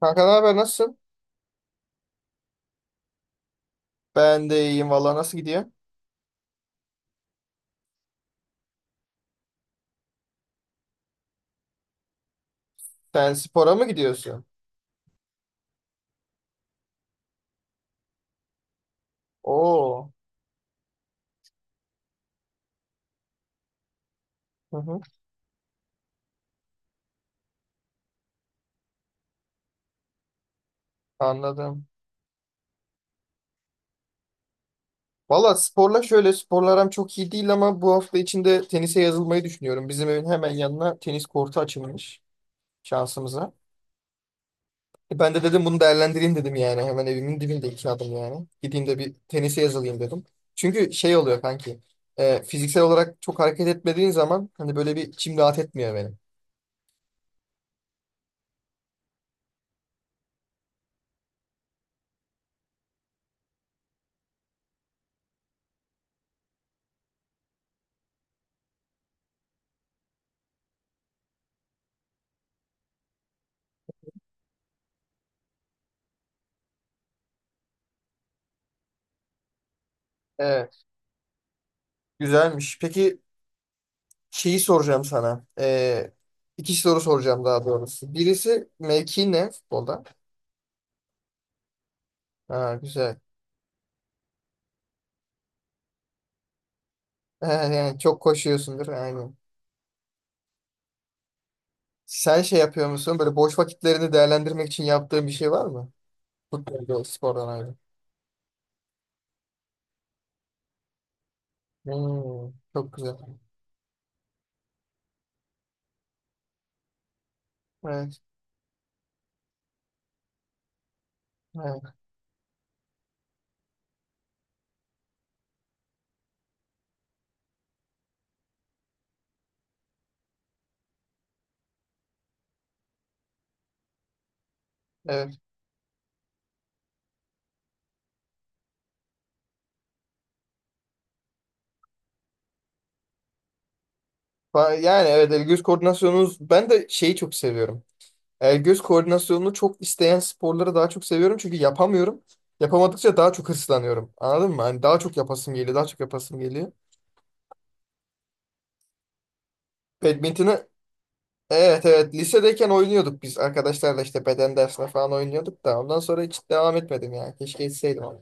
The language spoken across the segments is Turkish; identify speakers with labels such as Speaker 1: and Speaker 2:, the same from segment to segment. Speaker 1: Kanka ne haber nasılsın? Ben de iyiyim valla nasıl gidiyor? Sen spora mı gidiyorsun? Oo. Hı hı. Anladım. Valla sporla şöyle sporlarım çok iyi değil ama bu hafta içinde tenise yazılmayı düşünüyorum. Bizim evin hemen yanına tenis kortu açılmış şansımıza. Ben de dedim bunu değerlendireyim dedim yani. Hemen evimin dibinde iki adım yani. Gideyim de bir tenise yazılayım dedim. Çünkü şey oluyor kanki. Fiziksel olarak çok hareket etmediğin zaman hani böyle bir içim rahat etmiyor benim. Evet. Güzelmiş. Peki, şeyi soracağım sana. İki soru soracağım daha doğrusu. Birisi mevki ne futbolda? Ha, güzel. Ha, yani çok koşuyorsundur. Aynen. Sen şey yapıyor musun? Böyle boş vakitlerini değerlendirmek için yaptığın bir şey var mı? Futbolda, spordan ayrı. Hmm, çok güzel. Evet, evet, evet. Yani evet, el göz koordinasyonunuz, ben de şeyi çok seviyorum. El göz koordinasyonunu çok isteyen sporları daha çok seviyorum çünkü yapamıyorum. Yapamadıkça daha çok hırslanıyorum. Anladın mı? Hani daha çok yapasım geliyor, daha çok yapasım geliyor. Badminton'ı, evet, evet, lisedeyken oynuyorduk biz arkadaşlarla işte beden dersine falan oynuyorduk da ondan sonra hiç devam etmedim ya. Keşke etseydim ama.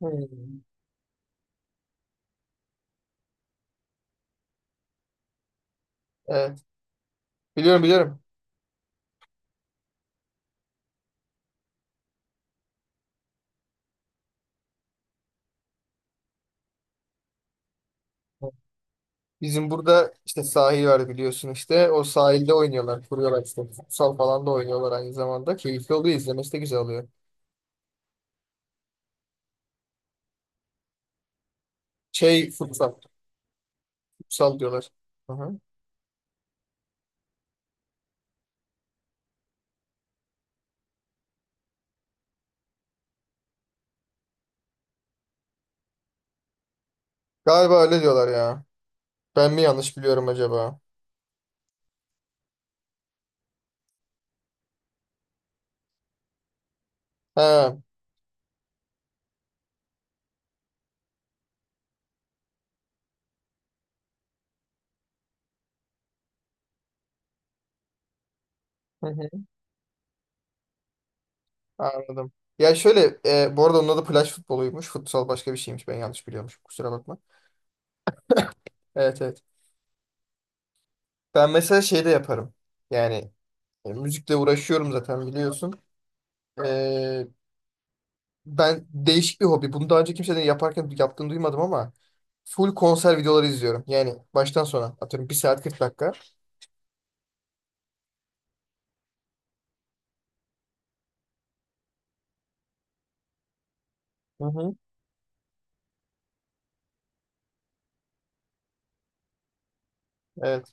Speaker 1: Hmm. Evet, biliyorum, biliyorum. Bizim burada işte sahil var biliyorsun işte. O sahilde oynuyorlar, kuruyorlar işte. Futsal falan da oynuyorlar aynı zamanda. Keyifli oluyor, izlemesi de güzel oluyor. Şey futsal, futsal diyorlar. Hı hı. Galiba öyle diyorlar ya. Ben mi yanlış biliyorum acaba? He. Hı hı. Anladım. Ya şöyle, bu arada onun adı plaj futboluymuş. Futsal başka bir şeymiş. Ben yanlış biliyormuşum. Kusura bakma. Evet, evet. Ben mesela şey de yaparım. Yani müzikle uğraşıyorum zaten biliyorsun. E, Ben değişik bir hobi. Bunu daha önce kimsenin yaparken yaptığını duymadım ama full konser videoları izliyorum. Yani baştan sona atıyorum bir saat 40 dakika. Hı hı. Evet.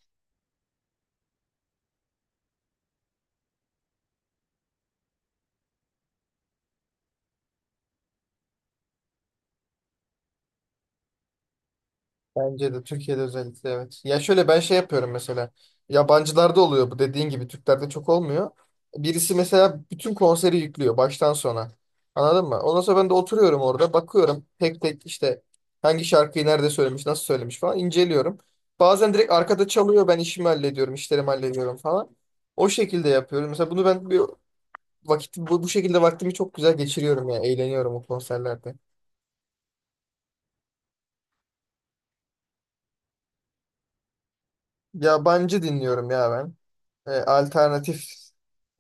Speaker 1: Bence de Türkiye'de özellikle, evet. Ya şöyle ben şey yapıyorum mesela. Yabancılarda oluyor bu dediğin gibi. Türklerde çok olmuyor. Birisi mesela bütün konseri yüklüyor baştan sona. Anladın mı? Ondan sonra ben de oturuyorum orada bakıyorum. Tek tek işte hangi şarkıyı nerede söylemiş, nasıl söylemiş falan inceliyorum. Bazen direkt arkada çalıyor, ben işimi hallediyorum, işlerimi hallediyorum falan. O şekilde yapıyorum. Mesela bunu ben bir vakit bu şekilde vaktimi çok güzel geçiriyorum ya. Eğleniyorum o konserlerde. Yabancı dinliyorum ya ben. E, alternatif.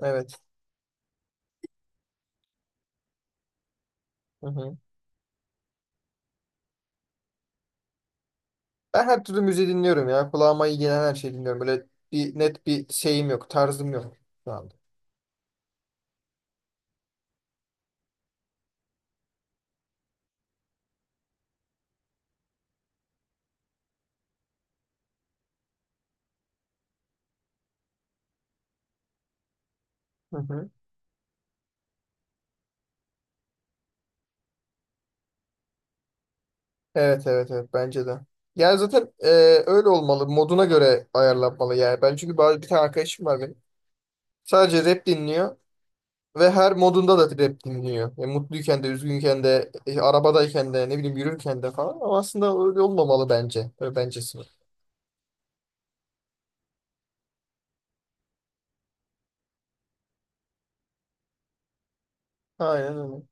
Speaker 1: Evet. Hı hı. Ben her türlü müziği dinliyorum ya. Kulağıma iyi gelen her şeyi dinliyorum. Böyle bir net bir şeyim yok. Tarzım yok şu anda. Hı hı. Evet, evet, evet, bence de. Yani zaten öyle olmalı. Moduna göre ayarlanmalı yani. Ben çünkü bazı bir tane arkadaşım var benim. Sadece rap dinliyor ve her modunda da rap dinliyor. Yani mutluyken de, üzgünken de, arabadayken de, ne bileyim yürürken de falan. Ama aslında öyle olmamalı bence. Öyle bencesi. Aynen öyle.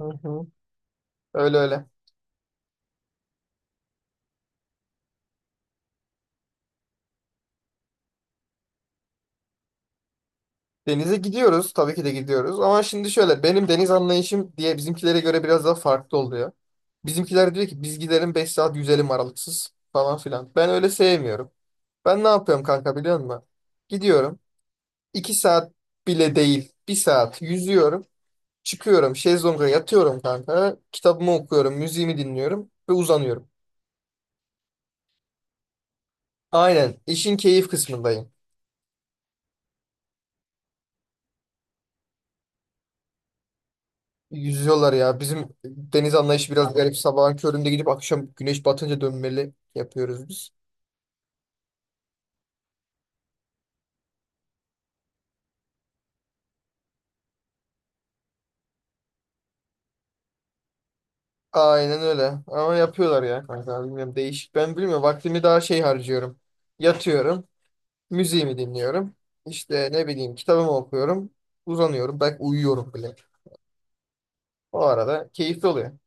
Speaker 1: Hı hı. Öyle öyle. Denize gidiyoruz. Tabii ki de gidiyoruz. Ama şimdi şöyle, benim deniz anlayışım diye, bizimkilere göre biraz daha farklı oluyor. Bizimkiler diyor ki biz gidelim 5 saat yüzelim aralıksız falan filan. Ben öyle sevmiyorum. Ben ne yapıyorum kanka biliyor musun? Gidiyorum. 2 saat bile değil. Bir saat yüzüyorum. Çıkıyorum. Şezlonga yatıyorum kanka. Kitabımı okuyorum. Müziğimi dinliyorum. Ve uzanıyorum. Aynen. işin keyif kısmındayım. Yüzüyorlar ya. Bizim deniz anlayışı biraz garip. Sabahın köründe gidip akşam güneş batınca dönmeli yapıyoruz biz. Aynen öyle. Ama yapıyorlar ya kanka. Bilmiyorum, değişik. Ben bilmiyorum. Vaktimi daha şey harcıyorum. Yatıyorum. Müziğimi dinliyorum. İşte ne bileyim kitabımı okuyorum. Uzanıyorum. Belki uyuyorum bile. O arada keyifli oluyor.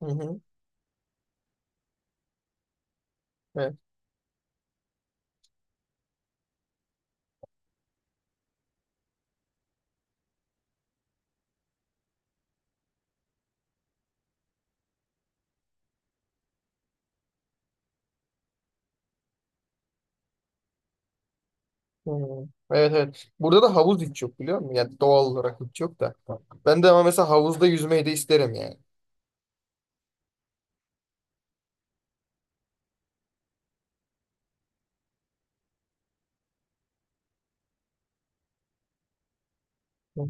Speaker 1: Hı hı. Evet. Hı. Evet, evet. Burada da havuz hiç yok biliyor musun? Yani doğal olarak hiç yok da. Ben de ama mesela havuzda yüzmeyi de isterim yani. Hı.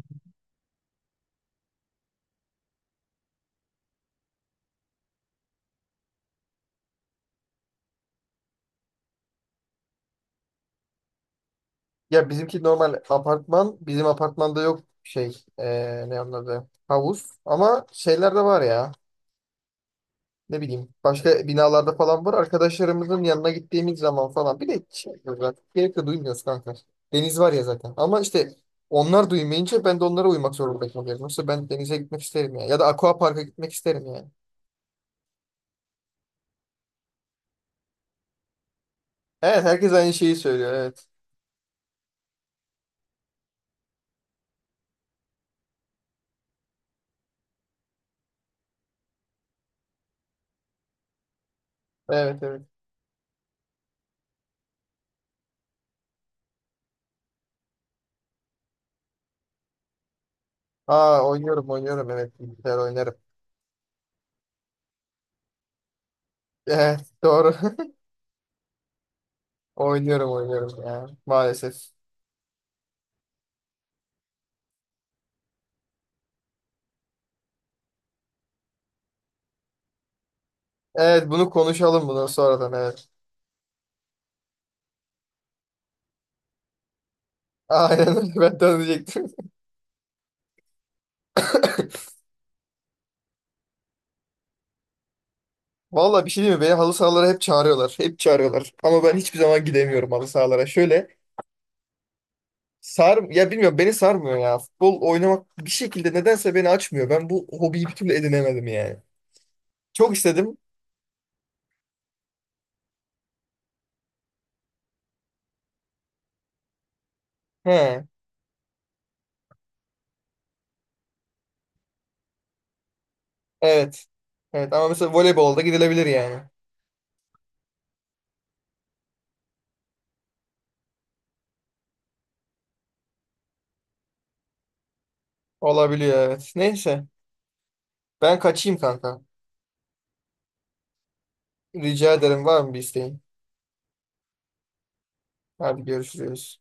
Speaker 1: Ya bizimki normal apartman. Bizim apartmanda yok şey. Ne anladı? Havuz. Ama şeyler de var ya. Ne bileyim başka binalarda falan var. Arkadaşlarımızın yanına gittiğimiz zaman falan. Bir de şey yapıyoruz artık. Gerek de duymuyoruz kanka. Deniz var ya zaten. Ama işte onlar duymayınca ben de onlara uymak zorunda kalıyorum. Yoksa ben denize gitmek isterim yani. Ya da aqua parka gitmek isterim yani. Evet, herkes aynı şeyi söylüyor. Evet. Evet, evet. Aa, oynuyorum, oynuyorum. Evet, bilgisayar oynarım. Evet, doğru. Oynuyorum, oynuyorum ya. Maalesef. Evet, bunu konuşalım, bunu sonradan, evet. Aynen öyle, ben de onu diyecektim. Valla bir şey değil mi? Beni halı sahalara hep çağırıyorlar. Hep çağırıyorlar. Ama ben hiçbir zaman gidemiyorum halı sahalara. Şöyle sar ya, bilmiyorum, beni sarmıyor ya. Futbol oynamak bir şekilde nedense beni açmıyor. Ben bu hobiyi bir türlü edinemedim yani. Çok istedim. He, evet. Evet ama mesela voleybolda gidilebilir yani. Olabiliyor, evet. Neyse. Ben kaçayım kanka. Rica ederim, var mı bir isteğin? Hadi görüşürüz.